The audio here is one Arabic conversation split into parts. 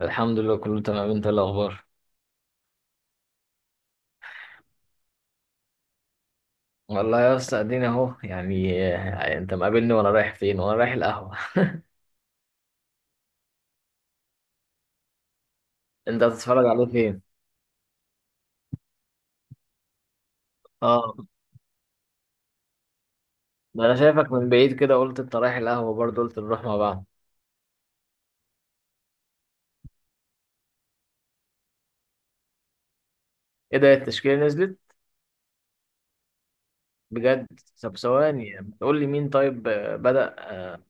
الحمد لله كله تمام. انت ايه الاخبار؟ والله يا اسطى ادينا اهو يعني انت مقابلني وانا رايح فين، وانا رايح القهوه. انت هتتفرج عليه فين؟ اه، ده انا شايفك من بعيد كده، قلت انت رايح القهوه برضه، قلت نروح مع بعض. ايه ده، التشكيله نزلت؟ بجد؟ طب ثواني، بتقول لي مين؟ طيب بدأ اه.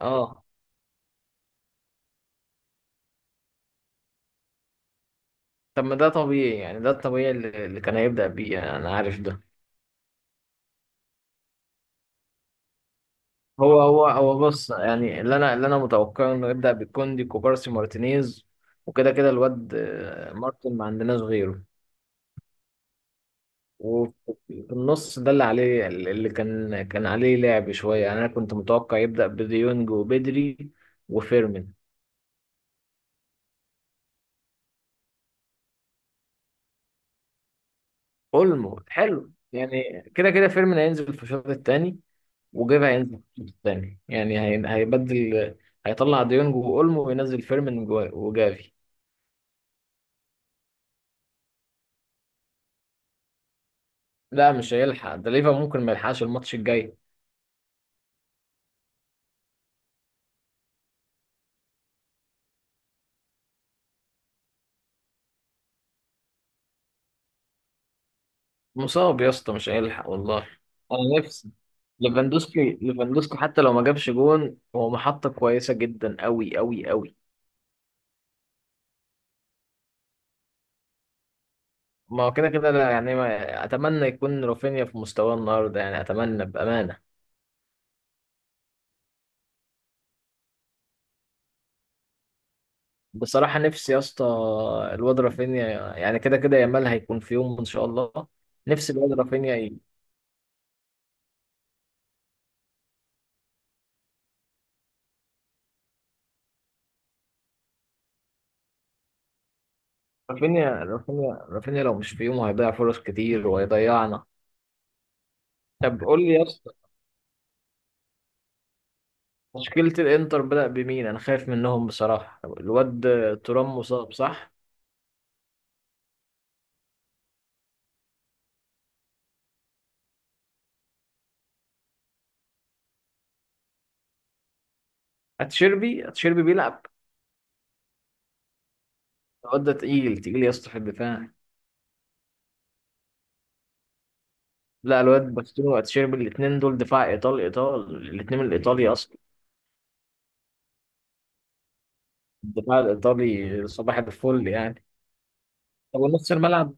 آه. طب ما ده طبيعي، يعني ده الطبيعي اللي كان هيبدأ بيه، يعني انا عارف ده. هو بص، يعني اللي انا متوقعه انه يبدا بالكوندي كوبارسي مارتينيز، وكده كده الواد مارتن ما عندناش غيره. وفي النص ده اللي عليه، اللي كان عليه لعب شويه، يعني انا كنت متوقع يبدا بديونج وبدري وفيرمين. اولمو حلو، يعني كده كده فيرمين هينزل في الشوط الثاني، وجافي هينزل في الشوط الثاني، يعني هيبدل، هيطلع ديونج واولمو وينزل فيرمين وجافي. لا مش هيلحق، ده ليفا ممكن ما يلحقش الماتش الجاي. مصاب يا اسطى، مش هيلحق والله. انا نفسي ليفاندوسكي، ليفاندوسكي حتى لو ما جابش جون هو محطة كويسة جدا، قوي قوي قوي. ما هو كده كده لا يعني، ما اتمنى يكون رافينيا في مستواه النهارده، يعني اتمنى بأمانة. بصراحة نفسي يا اسطى الواد رافينيا، يعني كده كده يامال هيكون في يوم ان شاء الله. نفسي الواد رافينيا رافينيا رافينيا رافينيا لو مش في يومه هيضيع فرص كتير وهيضيعنا. طب قول لي يا اسطى، تشكيلة الانتر بدأ بمين؟ انا خايف منهم بصراحة. الواد ترام مصاب صح؟ اتشيربي بيلعب؟ الواد ده تقيل تقيل يا اسطى في الدفاع. لا الواد باستوني واتشيربي الاثنين دول دفاع ايطالي، الاثنين من الايطالي اصلا. الدفاع الايطالي صباح الفل يعني. طب نص الملعب؟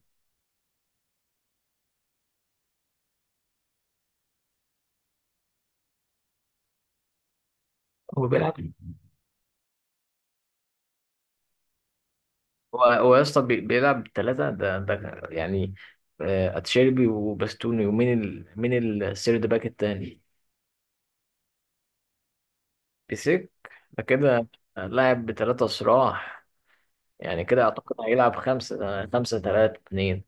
هو بيلعب. هو يا اسطى بيلعب ثلاثة، ده يعني اتشيربي وباستوني ومين مين السيرد باك التاني؟ بيسك. ده كده لاعب بثلاثة صراع، يعني كده اعتقد هيلعب خمسة خمسة تلاتة اتنين.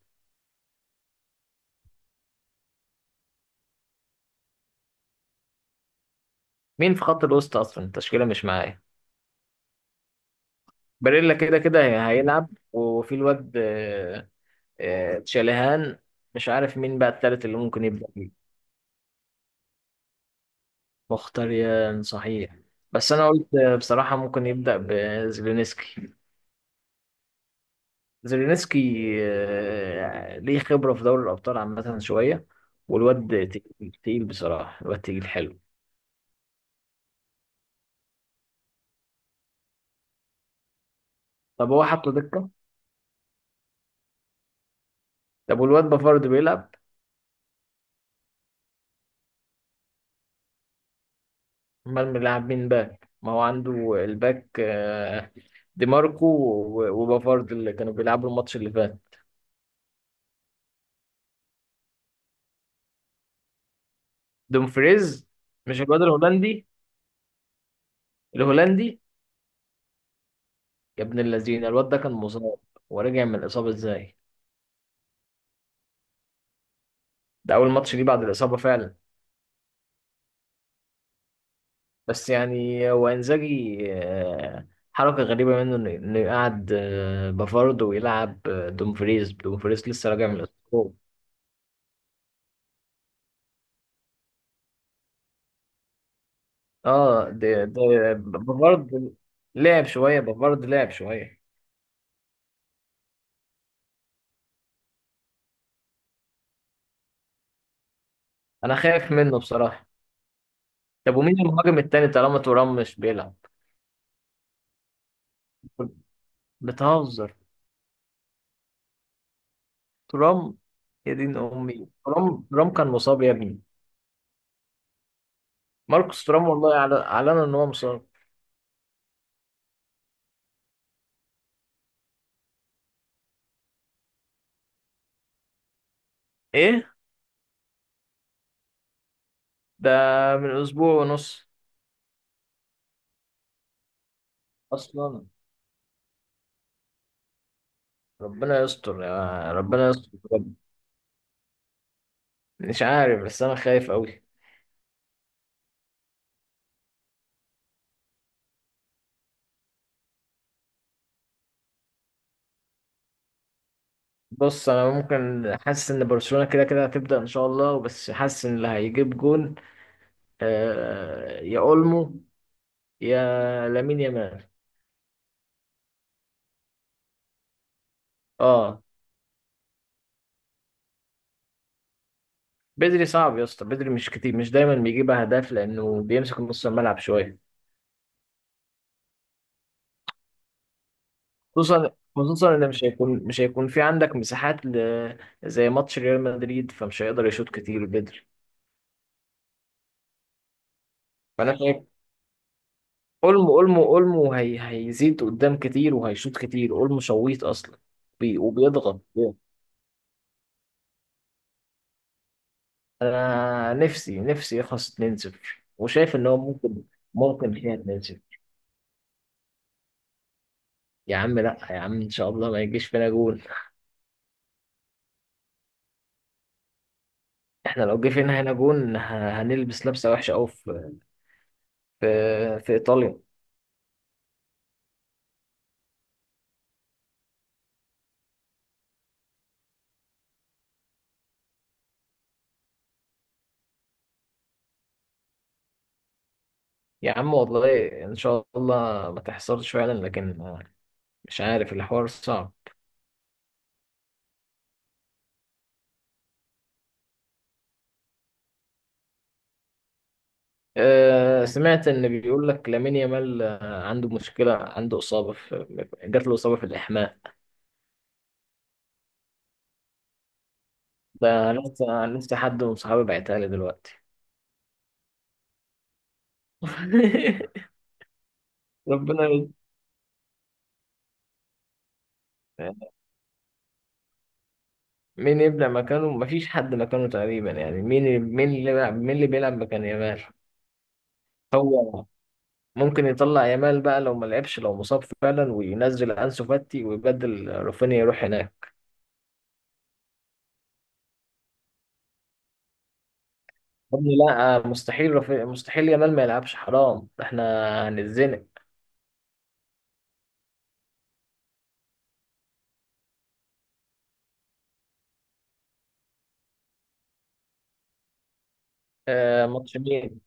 مين في خط الوسط اصلا؟ التشكيلة مش معايا. باريلا كده كده هيلعب، وفي الواد تشاليهان. مش عارف مين بقى التالت اللي ممكن يبدأ بيه. مختاريان صحيح، بس انا قلت بصراحة ممكن يبدأ بزيلينسكي. زيلينسكي ليه خبرة في دوري الابطال عامة شوية، والواد تقيل تقيل بصراحة، الواد تقيل حلو. طب هو حطه دكة؟ طب والواد بافارد بيلعب؟ امال بيلعب مين باك ما هو عنده؟ الباك دي ماركو وبافارد اللي كانوا بيلعبوا الماتش اللي فات. دومفريز؟ مش الواد الهولندي؟ الهولندي؟ يا ابن اللذينه الواد ده كان مصاب، ورجع من الاصابه ازاي؟ ده اول ماتش ليه بعد الاصابه فعلا. بس يعني هو انزاجي حركه غريبه منه انه يقعد بافارد ويلعب دومفريز. دومفريز لسه راجع من الاصابه. اه ده بافارد لعب شويه، بافارد لعب شويه. انا خايف منه بصراحه. طب ومين المهاجم التاني طالما ترام مش بيلعب؟ بتهزر؟ ترام؟ يا دين امي، ترام، ترام كان مصاب يا ابني. ماركوس ترام والله اعلن ان هو مصاب. ايه ده! من اسبوع ونص اصلا. ربنا يستر، يا ربنا يستر بجد. مش عارف، بس انا خايف قوي. بص انا ممكن حاسس ان برشلونه كده كده هتبدا ان شاء الله، بس حاسس ان اللي هيجيب جون آه يا اولمو يا لامين يامال. اه بدري صعب يا اسطى، بدري مش كتير، مش دايما بيجيب اهداف لانه بيمسك نص الملعب شويه. خصوصا ان مش هيكون في عندك مساحات زي ماتش ريال مدريد، فمش هيقدر يشوط كتير بدري. فانا شايف اولمو، اولمو هيزيد قدام كتير وهيشوط كتير، اولمو شويط اصلا وبيضغط. انا نفسي نفسي يخلص 2-0، وشايف ان هو ممكن، ممكن فيها 2-0. يا عم لا يا عم، ان شاء الله ما يجيش فينا جول. احنا لو جه فينا هنا جون هنلبس لبسه وحشه قوي في في إيطاليا. يا عم والله إن شاء الله ما تحصلش فعلا، لكن مش عارف، الحوار صعب. أه سمعت إن بيقول لك لامين يامال عنده مشكلة، عنده إصابة في، جات له إصابة في الإحماء. ده لسه لسه حد من صحابي بعتها لي دلوقتي. ربنا يستر. مين يبدأ مكانه؟ مفيش حد مكانه تقريبا، يعني مين، مين اللي بيلعب، مين اللي بيلعب مكان يامال؟ هو ممكن يطلع يامال بقى لو ما لعبش، لو مصاب فعلا، وينزل انسو فاتي، ويبدل رافينيا يروح هناك. يا ابني لا مستحيل مستحيل يامال ما يلعبش، حرام احنا هنتزنق. آه ماتش مين؟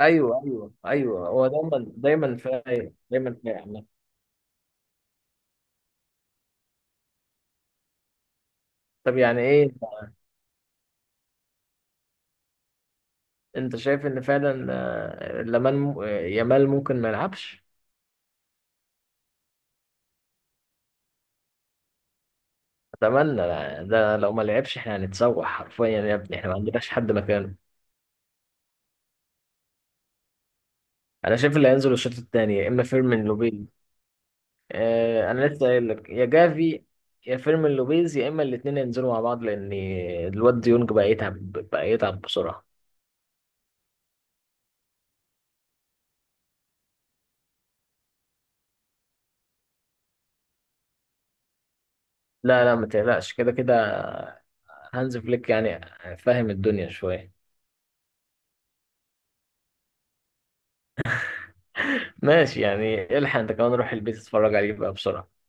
ايوه ايوه ايوه، هو دايما دايما فايق، دايما فايق عامة. طب يعني ايه؟ انت شايف ان فعلا آه، لمان م- آه، يامال ممكن ما يلعبش؟ اتمنى لا. ده لو ما لعبش احنا هنتسوح حرفيا يا ابني، احنا ما عندناش حد مكانه. انا شايف اللي هينزل الشوط الثاني يا اما فيرمين لوبيل، انا لسه قايل لك يا جافي، يا فيرمين لوبيز، يا اما الاثنين ينزلوا مع بعض، لان الواد ديونج بقى يتعب، بقى يتعب بسرعه. لا ما تقلقش، كده كده هانز فليك يعني فاهم الدنيا شويه. ماشي، يعني الحق انت كمان روح البيت اتفرج عليه بقى بسرعه.